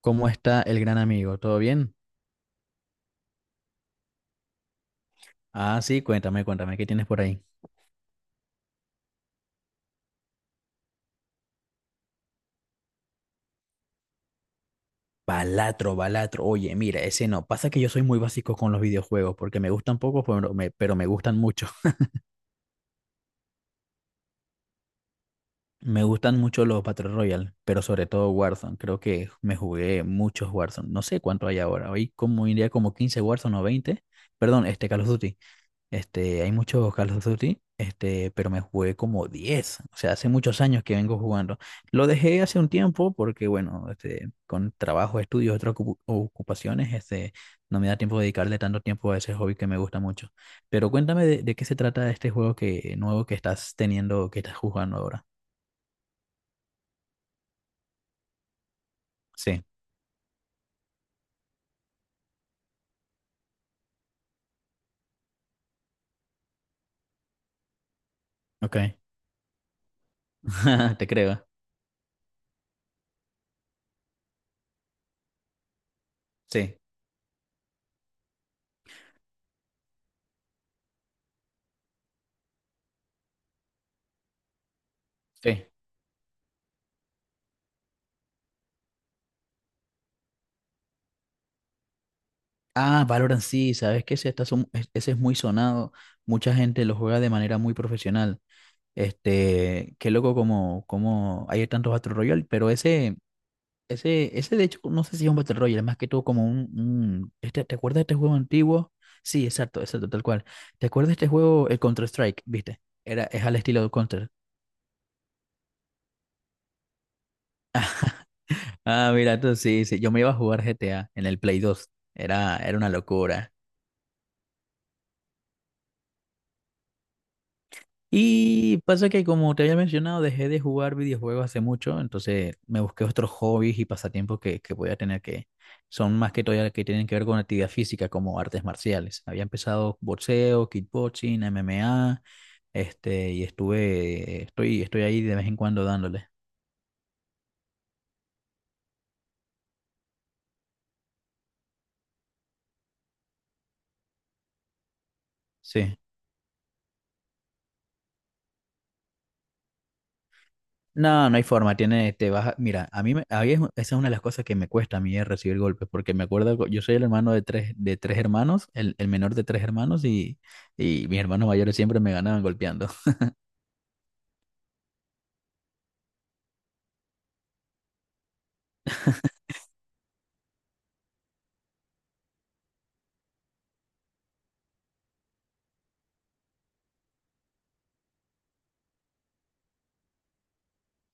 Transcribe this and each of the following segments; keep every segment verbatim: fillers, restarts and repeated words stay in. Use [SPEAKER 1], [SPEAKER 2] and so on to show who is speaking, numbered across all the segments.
[SPEAKER 1] ¿Cómo está el gran amigo? ¿Todo bien? Ah, sí, cuéntame, cuéntame, ¿qué tienes por ahí? Balatro, Balatro. Oye, mira, ese no. Pasa que yo soy muy básico con los videojuegos, porque me gustan pocos, pero me, pero me gustan mucho. Me gustan mucho los Battle Royale, pero sobre todo Warzone. Creo que me jugué muchos Warzone. No sé cuánto hay ahora. Hoy como iría como quince Warzone o veinte. Perdón, este Call of Duty. Este, hay muchos Call of Duty, este, pero me jugué como diez o sea, hace muchos años que vengo jugando. Lo dejé hace un tiempo porque, bueno, este, con trabajo, estudios, otras ocu- ocupaciones, este, no me da tiempo de dedicarle tanto tiempo a ese hobby que me gusta mucho. Pero cuéntame de, de qué se trata este juego que, nuevo que estás teniendo, que estás jugando ahora. Sí, ok. Te creo. Sí, sí. Ah, Valorant sí, sabes que ese, está son- es- ese es muy sonado. Mucha gente lo juega de manera muy profesional. Este, qué loco como, como hay tantos Battle Royale, pero ese, ese, ese de hecho, no sé si es un Battle Royale, más que todo como un, un- este, ¿te acuerdas de este juego antiguo? Sí, exacto, exacto, tal cual. ¿Te acuerdas de este juego, el Counter-Strike, viste? Era, es al estilo de Counter. Ah, mira, tú sí, sí, yo me iba a jugar G T A en el Play dos. Era, era una locura. Y pasa que, como te había mencionado, dejé de jugar videojuegos hace mucho, entonces me busqué otros hobbies y pasatiempos que, que voy a tener que son más que todavía que tienen que ver con actividad física, como artes marciales. Había empezado boxeo, kickboxing, M M A, este, y estuve, estoy, estoy ahí de vez en cuando dándole. Sí. No, no hay forma, tiene, te vas a- mira, a mí, me- a mí es- esa es una de las cosas que me cuesta a mí es recibir golpes, porque me acuerdo, cu- yo soy el hermano de tres, de tres hermanos, el, el menor de tres hermanos, y, y mis hermanos mayores siempre me ganaban golpeando.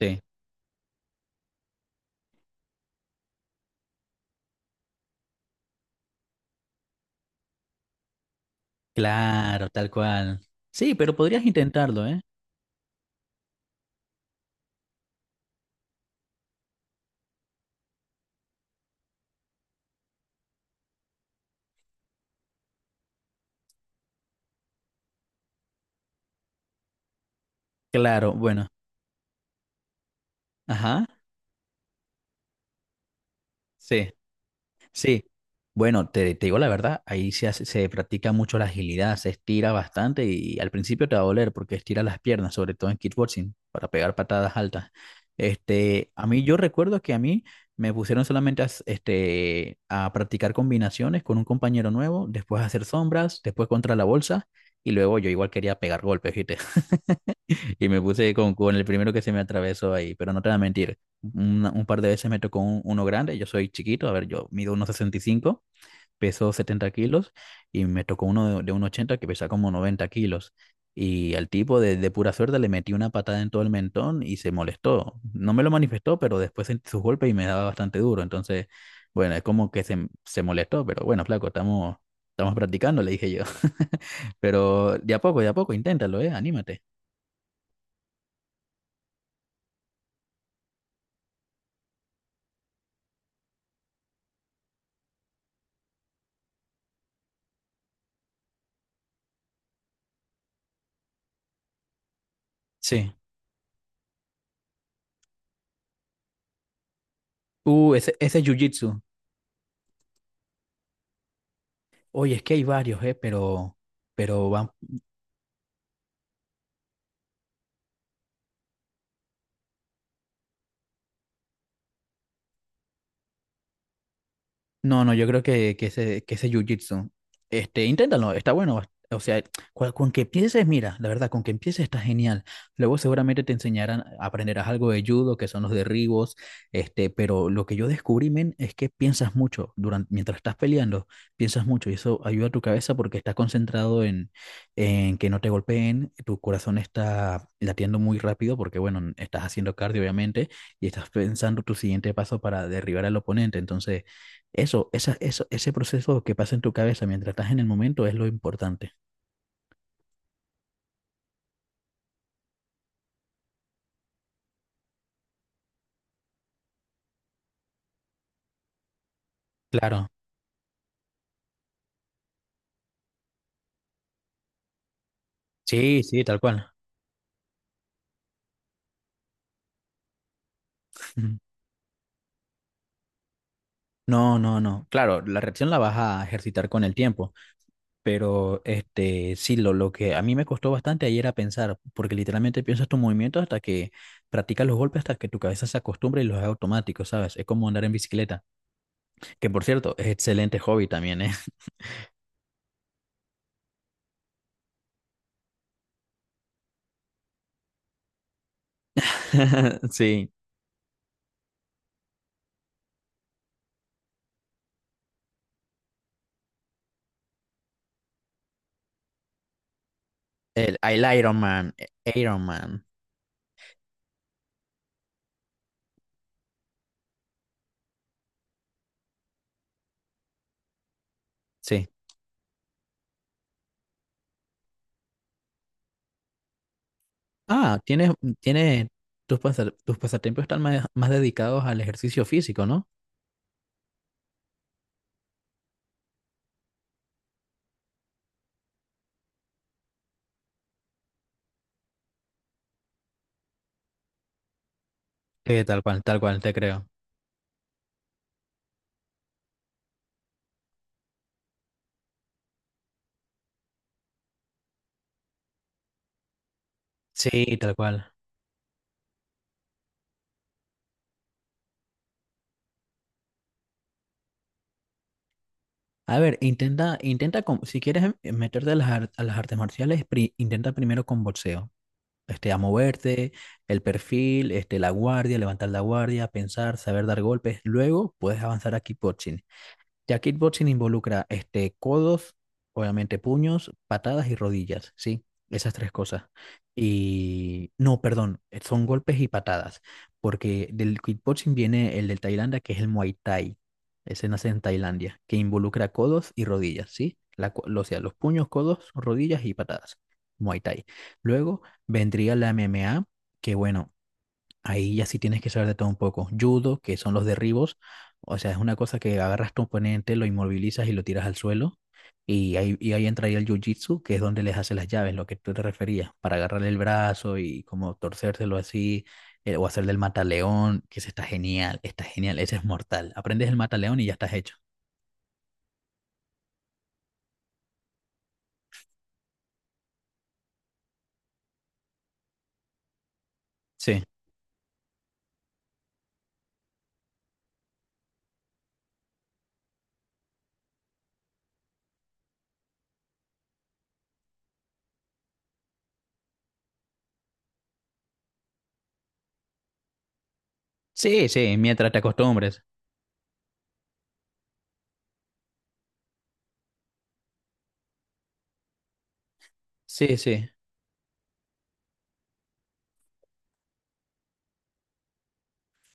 [SPEAKER 1] Sí. Claro, tal cual. Sí, pero podrías intentarlo, ¿eh? Claro, bueno, ajá, sí. Sí, bueno, te, te digo la verdad, ahí se hace- se practica mucho la agilidad, se estira bastante y al principio te va a doler porque estira las piernas, sobre todo en kickboxing, para pegar patadas altas. Este, a mí yo recuerdo que a mí me pusieron solamente a, s- este, a practicar combinaciones con un compañero nuevo, después a hacer sombras, después contra la bolsa y luego yo igual quería pegar golpes, ¿viste? Y me puse con, con el primero que se me atravesó ahí, pero no te voy a mentir. una- un par de veces me tocó un- uno grande, yo soy chiquito, a ver, yo mido uno sesenta y cinco, peso setenta kilos y me tocó uno de, de uno ochenta que pesa como noventa kilos. Y al tipo de, de pura suerte le metí una patada en todo el mentón y se molestó. No me lo manifestó, pero después sentí sus golpes y me daba bastante duro. Entonces, bueno, es como que se, se molestó, pero bueno, flaco, estamos, estamos practicando, le dije yo. Pero de a poco, de a poco, inténtalo, ¿eh? Anímate. Sí. Uh, ese, ese es Jiu-Jitsu. Oye, es que hay varios, eh, pero, pero van. No, no, yo creo que, que ese, que ese jiu-jitsu, este, inténtalo, está bueno. O sea, cua- con que empieces, mira, la verdad, con que empieces está genial. Luego seguramente te enseñarán, aprenderás algo de judo, que son los derribos, este, pero lo que yo descubrí, men, es que piensas mucho durante, mientras estás peleando, piensas mucho y eso ayuda a tu cabeza porque estás concentrado en, en que no te golpeen, tu corazón está latiendo muy rápido porque, bueno, estás haciendo cardio, obviamente, y estás pensando tu siguiente paso para derribar al oponente. Entonces, eso, esa, eso, ese proceso que pasa en tu cabeza mientras estás en el momento es lo importante. Claro, sí, sí, tal cual. Ujú. No, no, no. Claro, la reacción la vas a ejercitar con el tiempo, pero este, sí, lo, lo que a mí me costó bastante ayer era pensar, porque literalmente piensas tus movimientos hasta que practicas los golpes, hasta que tu cabeza se acostumbra y los haga automáticos, ¿sabes? Es como andar en bicicleta, que por cierto, es excelente hobby también, ¿eh? Sí, el, el Iron Man, Iron Man, sí. Ah, tienes, tienes tus, pasar- tus pasatiempos están más, más dedicados al ejercicio físico, ¿no? Eh, tal cual, tal cual, te creo. Sí, tal cual. A ver, intenta, intenta con, si quieres em- eh, meterte a las, ar- a las artes marciales, pri- intenta primero con boxeo. Este, a moverte, el perfil, este, la guardia, levantar la guardia, pensar, saber dar golpes. Luego puedes avanzar a kickboxing. Ya kickboxing involucra este, codos, obviamente puños, patadas y rodillas, ¿sí? Esas tres cosas. Y no, perdón, son golpes y patadas, porque del kickboxing viene el de Tailandia, que es el Muay Thai. Ese nace en Tailandia, que involucra codos y rodillas, ¿sí? La co- o sea, los puños, codos, rodillas y patadas. Muay Thai. Luego vendría la M M A, que bueno, ahí ya sí tienes que saber de todo un poco. Judo, que son los derribos, o sea, es una cosa que agarras tu oponente, lo inmovilizas y lo tiras al suelo. Y ahí, y ahí entraría el jiu-jitsu, que es donde les haces las llaves, lo que tú te referías, para agarrarle el brazo y como torcérselo así, eh, o hacer del mataleón, que ese está genial, está genial, ese es mortal. Aprendes el mataleón y ya estás hecho. Sí, sí, sí, mientras te acostumbres. Sí, sí.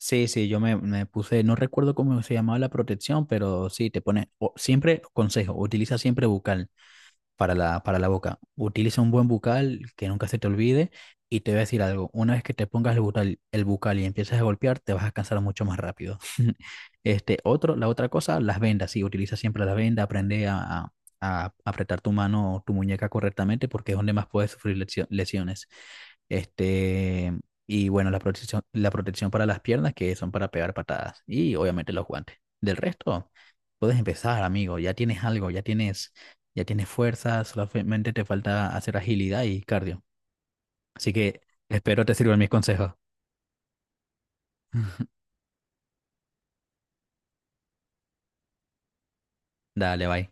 [SPEAKER 1] Sí, sí, yo me, me puse, no recuerdo cómo se llamaba la protección, pero sí, te pone, o- siempre, consejo, utiliza siempre bucal para la, para la boca. Utiliza un buen bucal que nunca se te olvide y te voy a decir algo, una vez que te pongas el bucal, el bucal y empiezas a golpear, te vas a cansar mucho más rápido. Este, otro, la otra cosa, las vendas, sí, utiliza siempre las vendas, aprende a, a- a apretar tu mano o tu muñeca correctamente porque es donde más puedes sufrir lesio- lesiones. Este, y bueno, la protección, la protección para las piernas que son para pegar patadas y obviamente los guantes. Del resto, puedes empezar, amigo, ya tienes algo, ya tienes ya tienes fuerza, solamente te falta hacer agilidad y cardio. Así que espero te sirvan mis consejos. Dale, bye.